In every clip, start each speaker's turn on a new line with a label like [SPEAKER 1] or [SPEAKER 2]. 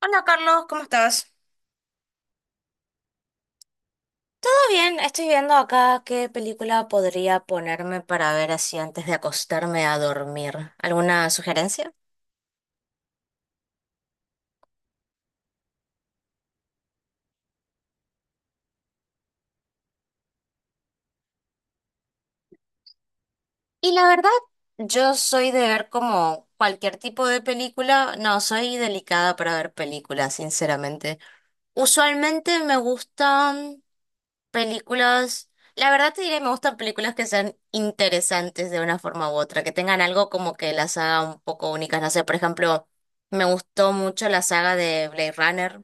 [SPEAKER 1] Hola Carlos, ¿cómo estás? Todo bien, estoy viendo acá qué película podría ponerme para ver así antes de acostarme a dormir. ¿Alguna sugerencia? Y la verdad, yo soy de ver como cualquier tipo de película. No, soy delicada para ver películas, sinceramente. Usualmente me gustan películas, la verdad te diré, me gustan películas que sean interesantes de una forma u otra, que tengan algo como que las haga un poco únicas. No sé, por ejemplo, me gustó mucho la saga de Blade Runner.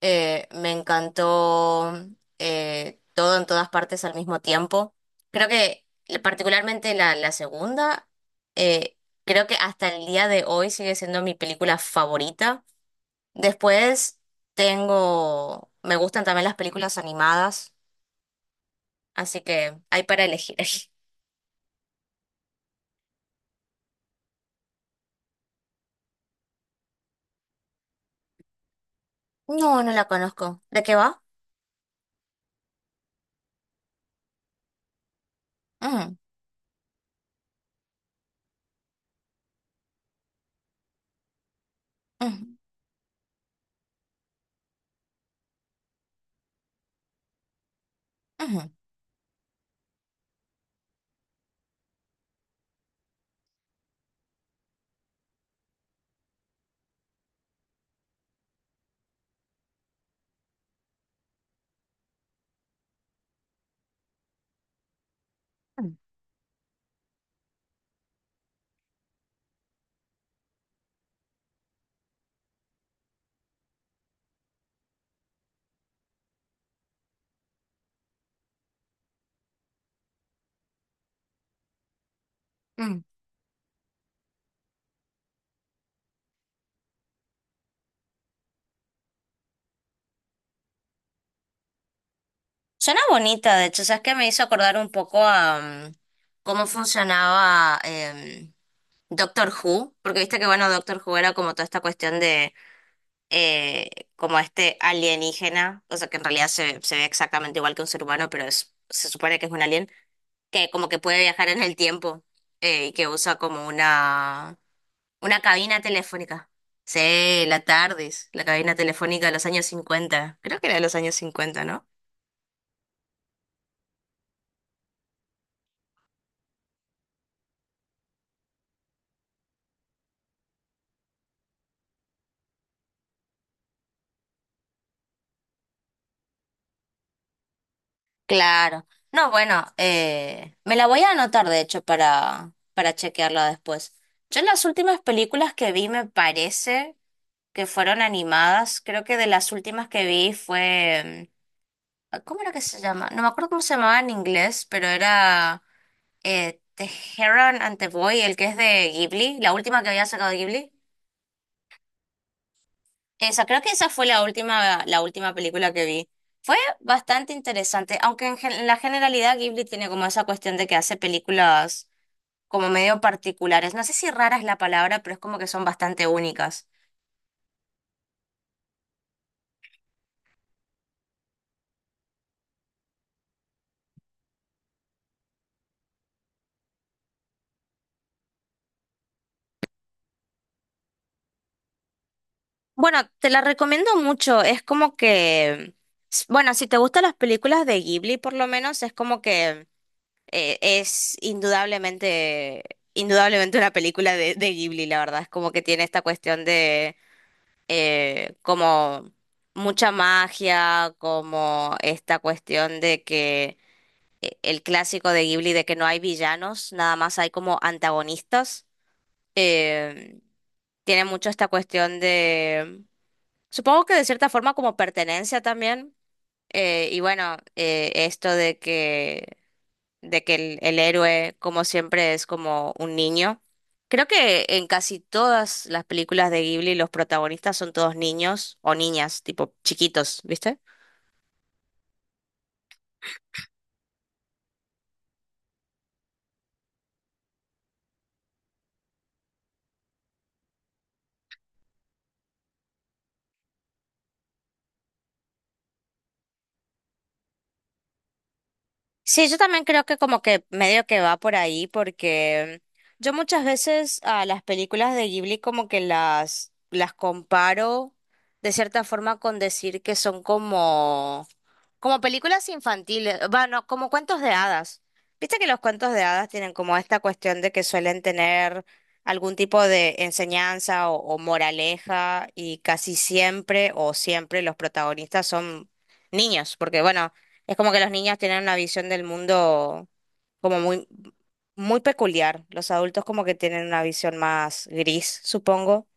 [SPEAKER 1] Me encantó todo en todas partes al mismo tiempo. Creo que particularmente la segunda, eh, creo que hasta el día de hoy sigue siendo mi película favorita. Después tengo, me gustan también las películas animadas. Así que hay para elegir ahí. No, no la conozco. ¿De qué va? Mm, mm, ujú. mm, mm. Suena bonita, de hecho. ¿Sabes qué? Me hizo acordar un poco a mm, cómo funcionaba Doctor Who, porque viste que, bueno, Doctor Who era como toda esta cuestión de eh, como este alienígena, o sea, que en realidad se, se ve exactamente igual que un ser humano, pero es, se supone que es un alien, que como que puede viajar en el tiempo, y que usa como una... una cabina telefónica. Sí, la TARDIS, la cabina telefónica de los años cincuenta. Creo que era de los años 50, ¿no? Claro. No, bueno, me la voy a anotar, de hecho, para chequearla después. Yo las últimas películas que vi me parece que fueron animadas. Creo que de las últimas que vi fue... ¿cómo era que se llama? No me acuerdo cómo se llamaba en inglés, pero era The Heron and the Boy, el que es de Ghibli, la última que había sacado Ghibli. Esa, creo que esa fue la última película que vi. Fue bastante interesante, aunque en, en la generalidad Ghibli tiene como esa cuestión de que hace películas como medio particulares. No sé si rara es la palabra, pero es como que son bastante únicas. Bueno, te la recomiendo mucho. Es como que, bueno, si te gustan las películas de Ghibli, por lo menos, es como que es indudablemente, indudablemente una película de Ghibli, la verdad. Es como que tiene esta cuestión de como mucha magia, como esta cuestión de que el clásico de Ghibli de que no hay villanos, nada más hay como antagonistas. eh, Tiene mucho esta cuestión de, supongo que de cierta forma como pertenencia también. Y bueno, esto de que el héroe, como siempre, es como un niño. Creo que en casi todas las películas de Ghibli los protagonistas son todos niños o niñas, tipo chiquitos, ¿viste? Sí, yo también creo que como que medio que va por ahí porque yo muchas veces a las películas de Ghibli como que las comparo de cierta forma con decir que son como como películas infantiles, bueno, como cuentos de hadas. Viste que los cuentos de hadas tienen como esta cuestión de que suelen tener algún tipo de enseñanza o moraleja y casi siempre o siempre los protagonistas son niños, porque bueno, es como que los niños tienen una visión del mundo como muy, muy peculiar. Los adultos como que tienen una visión más gris, supongo.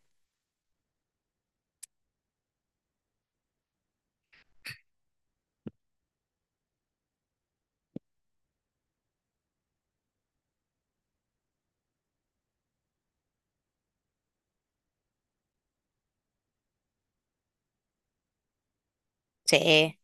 [SPEAKER 1] Sí.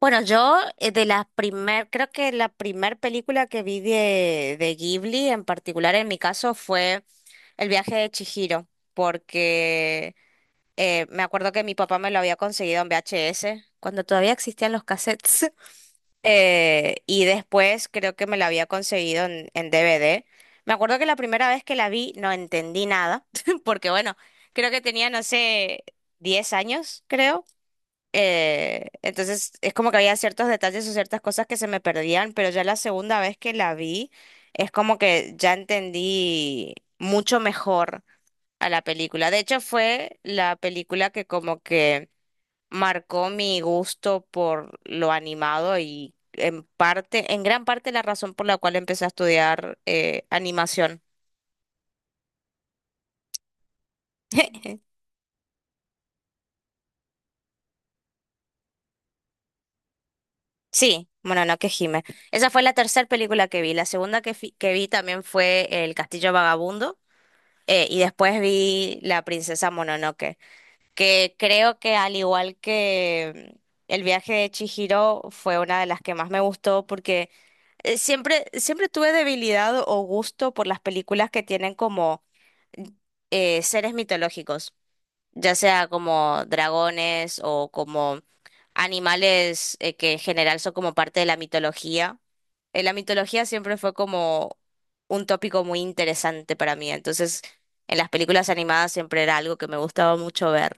[SPEAKER 1] Bueno, yo de la primer, creo que la primer película que vi de Ghibli en particular en mi caso fue El viaje de Chihiro, porque me acuerdo que mi papá me lo había conseguido en VHS, cuando todavía existían los cassettes, y después creo que me la había conseguido en DVD. Me acuerdo que la primera vez que la vi no entendí nada, porque bueno, creo que tenía, no sé, 10 años, creo. Entonces es como que había ciertos detalles o ciertas cosas que se me perdían, pero ya la segunda vez que la vi es como que ya entendí mucho mejor a la película. De hecho, fue la película que como que marcó mi gusto por lo animado y en parte, en gran parte la razón por la cual empecé a estudiar animación. Sí, bueno, no que gime. Esa fue la tercera película que vi. La segunda que, que vi también fue El Castillo Vagabundo. Y después vi La princesa Mononoke, que creo que al igual que El viaje de Chihiro fue una de las que más me gustó porque siempre, siempre tuve debilidad o gusto por las películas que tienen como mm, seres mitológicos, ya sea como dragones o como animales que en general son como parte de la mitología. La mitología siempre fue como un tópico muy interesante para mí. Entonces, en las películas animadas siempre era algo que me gustaba mucho ver.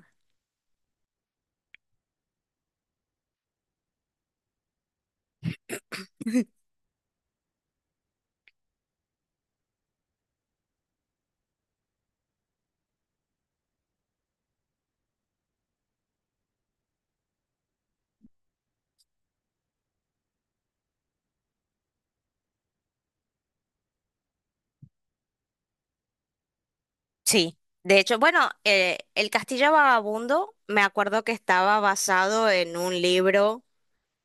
[SPEAKER 1] Sí. De hecho, bueno, El Castillo Vagabundo, me acuerdo que estaba basado en un libro,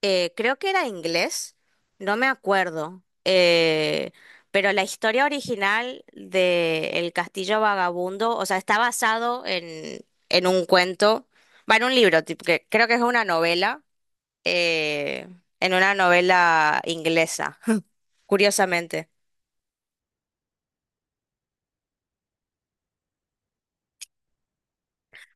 [SPEAKER 1] creo que era inglés, no me acuerdo. Pero la historia original de El Castillo Vagabundo, o sea, está basado en un cuento, va en un libro, tipo, que creo que es una novela, eh, en una novela inglesa, curiosamente.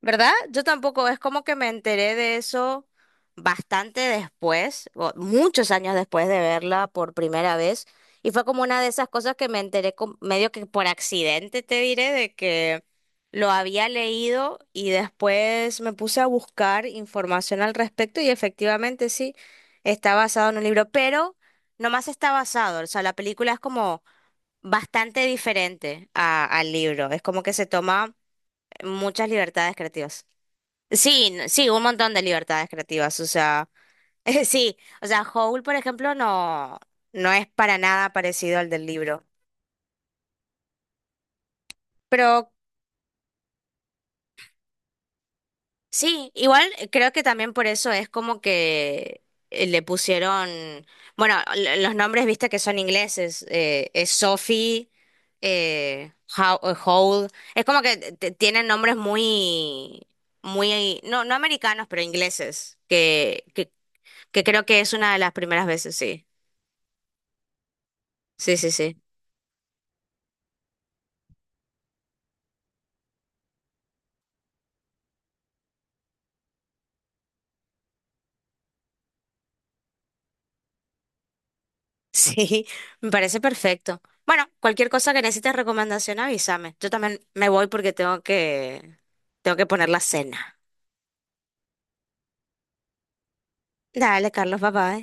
[SPEAKER 1] ¿Verdad? Yo tampoco, es como que me enteré de eso bastante después, o muchos años después de verla por primera vez, y fue como una de esas cosas que me enteré medio que por accidente, te diré, de que lo había leído y después me puse a buscar información al respecto y efectivamente sí, está basado en un libro, pero no más está basado, o sea, la película es como bastante diferente al libro. Es como que se toma muchas libertades creativas. Sí, sí, un montón de libertades creativas. O sea, sí, o sea, Howl, por ejemplo, no, no es para nada parecido al del libro. Pero sí, igual creo que también por eso es como que le pusieron, bueno, los nombres, viste que son ingleses, es Sophie, Howell, es como que tienen nombres muy, muy, no, no americanos, pero ingleses, que creo que es una de las primeras veces, sí, sí, sí, sí, sí, me parece perfecto. Bueno, cualquier cosa que necesites recomendación, avísame. Yo también me voy porque tengo que poner la cena. Dale, Carlos, bye bye.